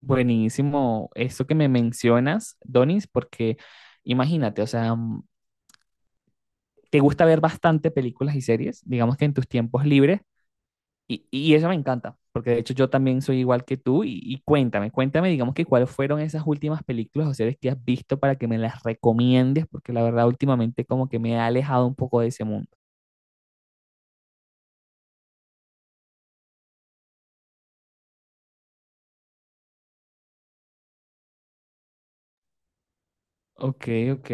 Buenísimo eso que me mencionas, Donis, porque imagínate, o sea, te gusta ver bastante películas y series, digamos que en tus tiempos libres, y eso me encanta, porque de hecho yo también soy igual que tú, y cuéntame, digamos que cuáles fueron esas últimas películas o series que has visto para que me las recomiendes, porque la verdad últimamente como que me ha alejado un poco de ese mundo. Ok, ok.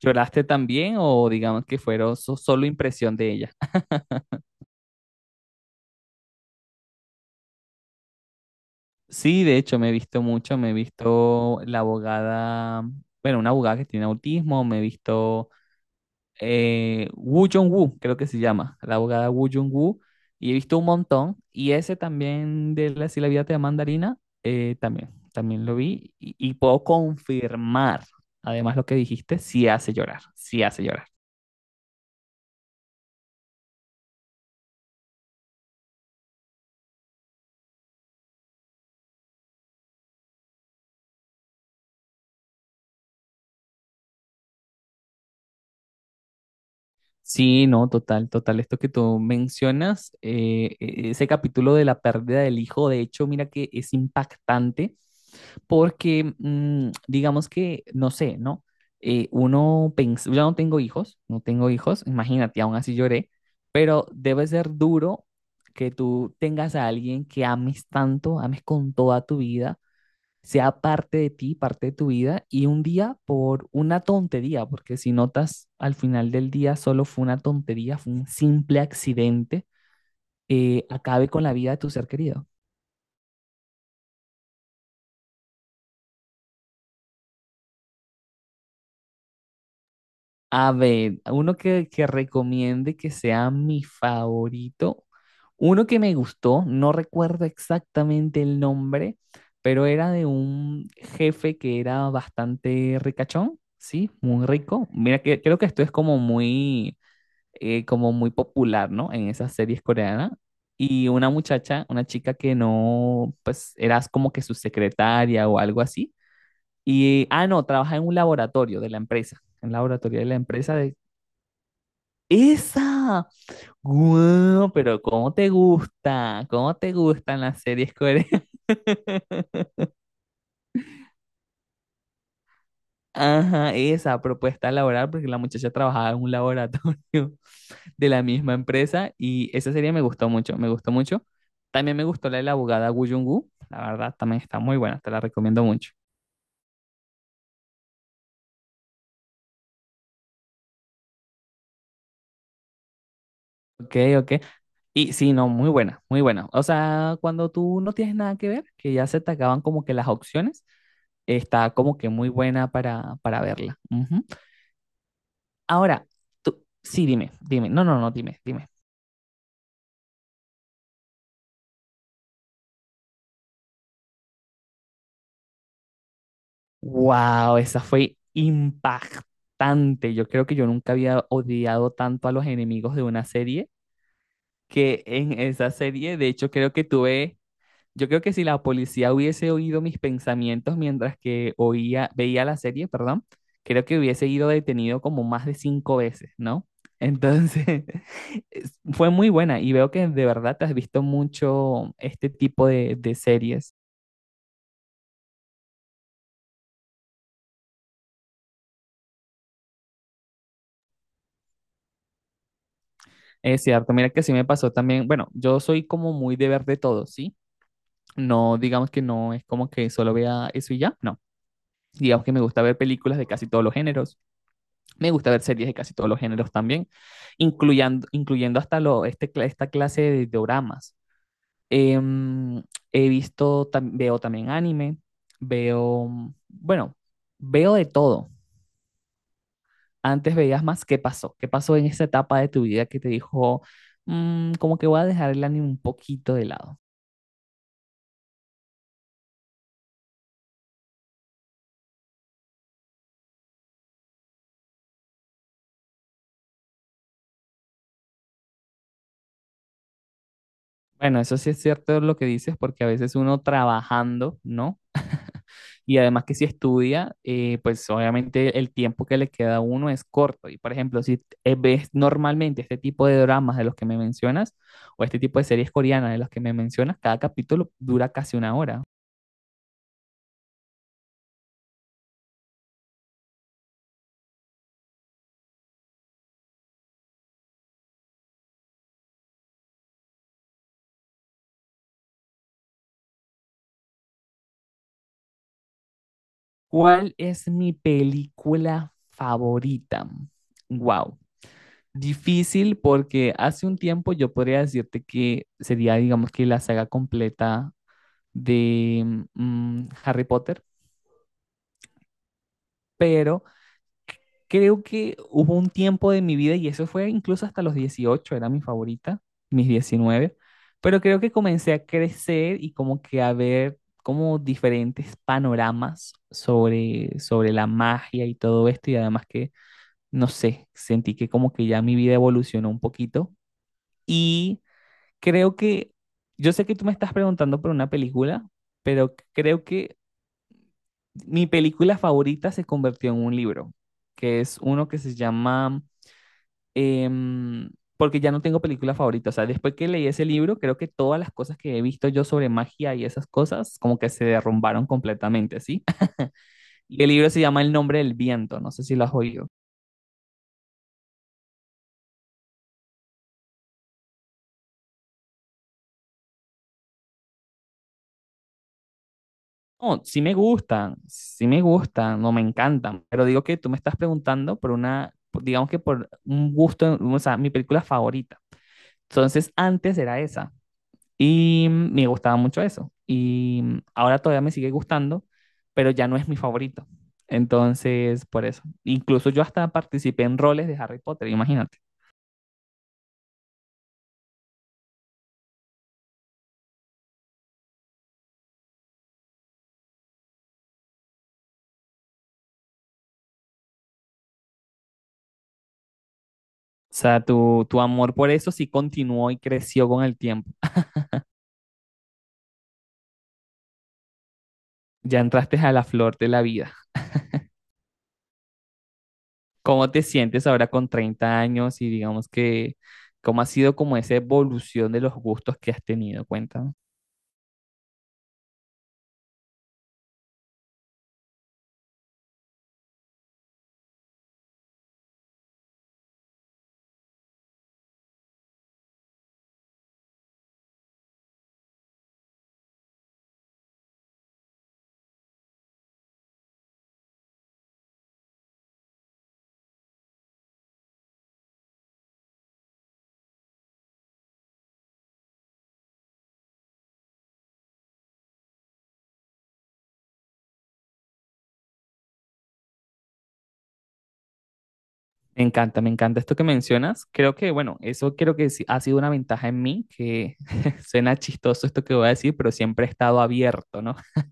¿Lloraste también o digamos que fueron solo impresión de ella? Sí, de hecho me he visto mucho, me he visto la abogada, bueno, una abogada que tiene autismo, me he visto Woo Jong-woo, creo que se llama, la abogada Woo Jong-woo, y he visto un montón, y ese también de la, si la vida te da mandarina, también, también lo vi, y puedo confirmar, además lo que dijiste, sí hace llorar, sí hace llorar. Sí, no, total, total. Esto que tú mencionas, ese capítulo de la pérdida del hijo, de hecho, mira que es impactante porque, digamos que, no sé, ¿no? Uno pensa, yo no tengo hijos, no tengo hijos, imagínate, aún así lloré, pero debe ser duro que tú tengas a alguien que ames tanto, ames con toda tu vida sea parte de ti, parte de tu vida, y un día por una tontería, porque si notas al final del día solo fue una tontería, fue un simple accidente, acabe con la vida de tu ser querido. A ver, uno que recomiende que sea mi favorito, uno que me gustó, no recuerdo exactamente el nombre, pero era de un jefe que era bastante ricachón, ¿sí? Muy rico. Mira, que, creo que esto es como muy popular, ¿no? En esas series coreanas. Y una muchacha, una chica que no, pues eras como que su secretaria o algo así. Y, ah, no, trabaja en un laboratorio de la empresa, en el laboratorio de la empresa de... ¡Esa! ¡Guau! Pero ¿cómo te gusta? ¿Cómo te gustan las series coreanas? Ajá, esa propuesta laboral, porque la muchacha trabajaba en un laboratorio de la misma empresa y esa serie me gustó mucho. También me gustó la de la abogada Woo Jung-woo, la verdad también está muy buena, te la recomiendo mucho. Ok, ok. Y sí, no, muy buena, muy buena. O sea, cuando tú no tienes nada que ver, que ya se te acaban como que las opciones, está como que muy buena para verla. Ujú. Ahora, tú, sí, dime, dime, no, no, no, dime, dime. Wow, esa fue impactante. Yo creo que yo nunca había odiado tanto a los enemigos de una serie que en esa serie, de hecho, creo que tuve, yo creo que si la policía hubiese oído mis pensamientos mientras que oía, veía la serie, perdón, creo que hubiese ido detenido como más de cinco veces, ¿no? Entonces, fue muy buena y veo que de verdad te has visto mucho este tipo de series. Es cierto, mira que sí me pasó también. Bueno, yo soy como muy de ver de todo, ¿sí? No, digamos que no es como que solo vea eso y ya, no. Digamos que me gusta ver películas de casi todos los géneros, me gusta ver series de casi todos los géneros también, incluyendo hasta lo, este, esta clase de doramas. Em, He visto, veo también anime, veo, bueno, veo de todo. Antes veías más ¿qué pasó, qué pasó en esa etapa de tu vida que te dijo, "Mm, como que voy a dejar el anime un poquito de lado"? Bueno, eso sí es cierto lo que dices, porque a veces uno trabajando, ¿no? Y además que si estudia, pues obviamente el tiempo que le queda a uno es corto. Y por ejemplo, si ves normalmente este tipo de dramas de los que me mencionas, o este tipo de series coreanas de los que me mencionas, cada capítulo dura casi una hora. ¿Cuál es mi película favorita? Wow. Difícil porque hace un tiempo yo podría decirte que sería, digamos que la saga completa de Harry Potter, pero creo que hubo un tiempo de mi vida, y eso fue incluso hasta los 18 era mi favorita, mis 19, pero creo que comencé a crecer y como que a ver como diferentes panoramas sobre, sobre la magia y todo esto, y además que, no sé, sentí que como que ya mi vida evolucionó un poquito, y creo que, yo sé que tú me estás preguntando por una película, pero creo que mi película favorita se convirtió en un libro, que es uno que se llama, em, porque ya no tengo película favorita, o sea, después que leí ese libro, creo que todas las cosas que he visto yo sobre magia y esas cosas, como que se derrumbaron completamente, ¿sí? Y el libro se llama El nombre del viento, no sé si lo has oído. No, sí me gustan, no me encantan, pero digo que tú me estás preguntando por una, digamos que por un gusto, o sea, mi película favorita. Entonces, antes era esa. Y me gustaba mucho eso. Y ahora todavía me sigue gustando, pero ya no es mi favorito. Entonces, por eso. Incluso yo hasta participé en roles de Harry Potter, imagínate. O sea, tu amor por eso sí continuó y creció con el tiempo. Ya entraste a la flor de la vida. ¿Cómo te sientes ahora con 30 años y digamos que cómo ha sido como esa evolución de los gustos que has tenido? Cuéntame. Me encanta esto que mencionas. Creo que, bueno, eso creo que sí ha sido una ventaja en mí, que suena chistoso esto que voy a decir, pero siempre he estado abierto, ¿no?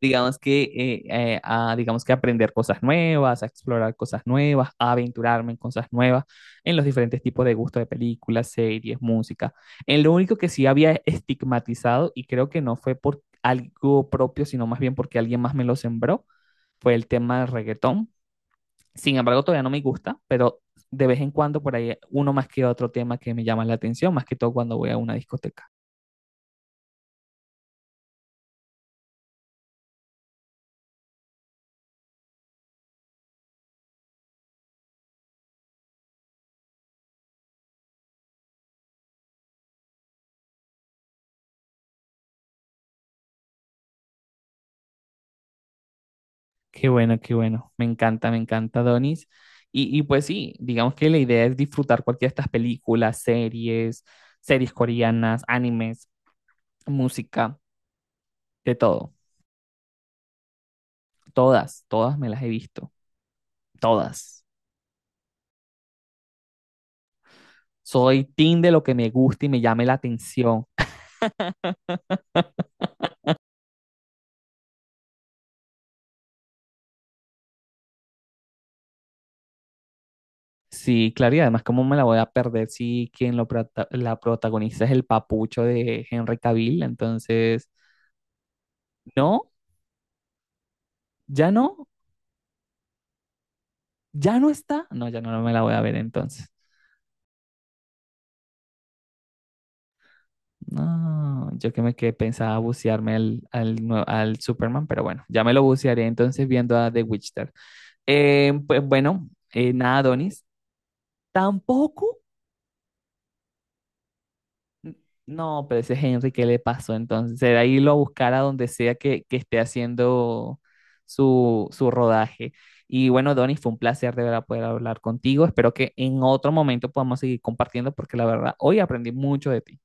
Digamos que, a, digamos que aprender cosas nuevas, a explorar cosas nuevas, a aventurarme en cosas nuevas, en los diferentes tipos de gustos de películas, series, música. En lo único que sí había estigmatizado, y creo que no fue por algo propio, sino más bien porque alguien más me lo sembró, fue el tema del reggaetón. Sin embargo, todavía no me gusta, pero de vez en cuando por ahí uno más que otro tema que me llama la atención, más que todo cuando voy a una discoteca. Qué bueno, qué bueno. Me encanta, Donis. Y pues sí, digamos que la idea es disfrutar cualquiera de estas películas, series, series coreanas, animes, música, de todo. Todas, todas me las he visto, todas. Soy team de lo que me gusta y me llame la atención. Sí, claro, y además, ¿cómo me la voy a perder si quien lo la protagoniza es el papucho de Henry Cavill? Entonces, no, ya no, ya no está. No, ya no, no me la voy a ver entonces. No, yo que me quedé pensaba bucearme al, al, al Superman, pero bueno, ya me lo bucearé entonces viendo a The Witcher. Pues bueno, nada, Donis, tampoco. N- No, pero ese Henry, ¿qué le pasó entonces? Será irlo a buscar a donde sea que esté haciendo su, su rodaje. Y bueno, Donny, fue un placer de verdad poder hablar contigo. Espero que en otro momento podamos seguir compartiendo porque la verdad, hoy aprendí mucho de ti.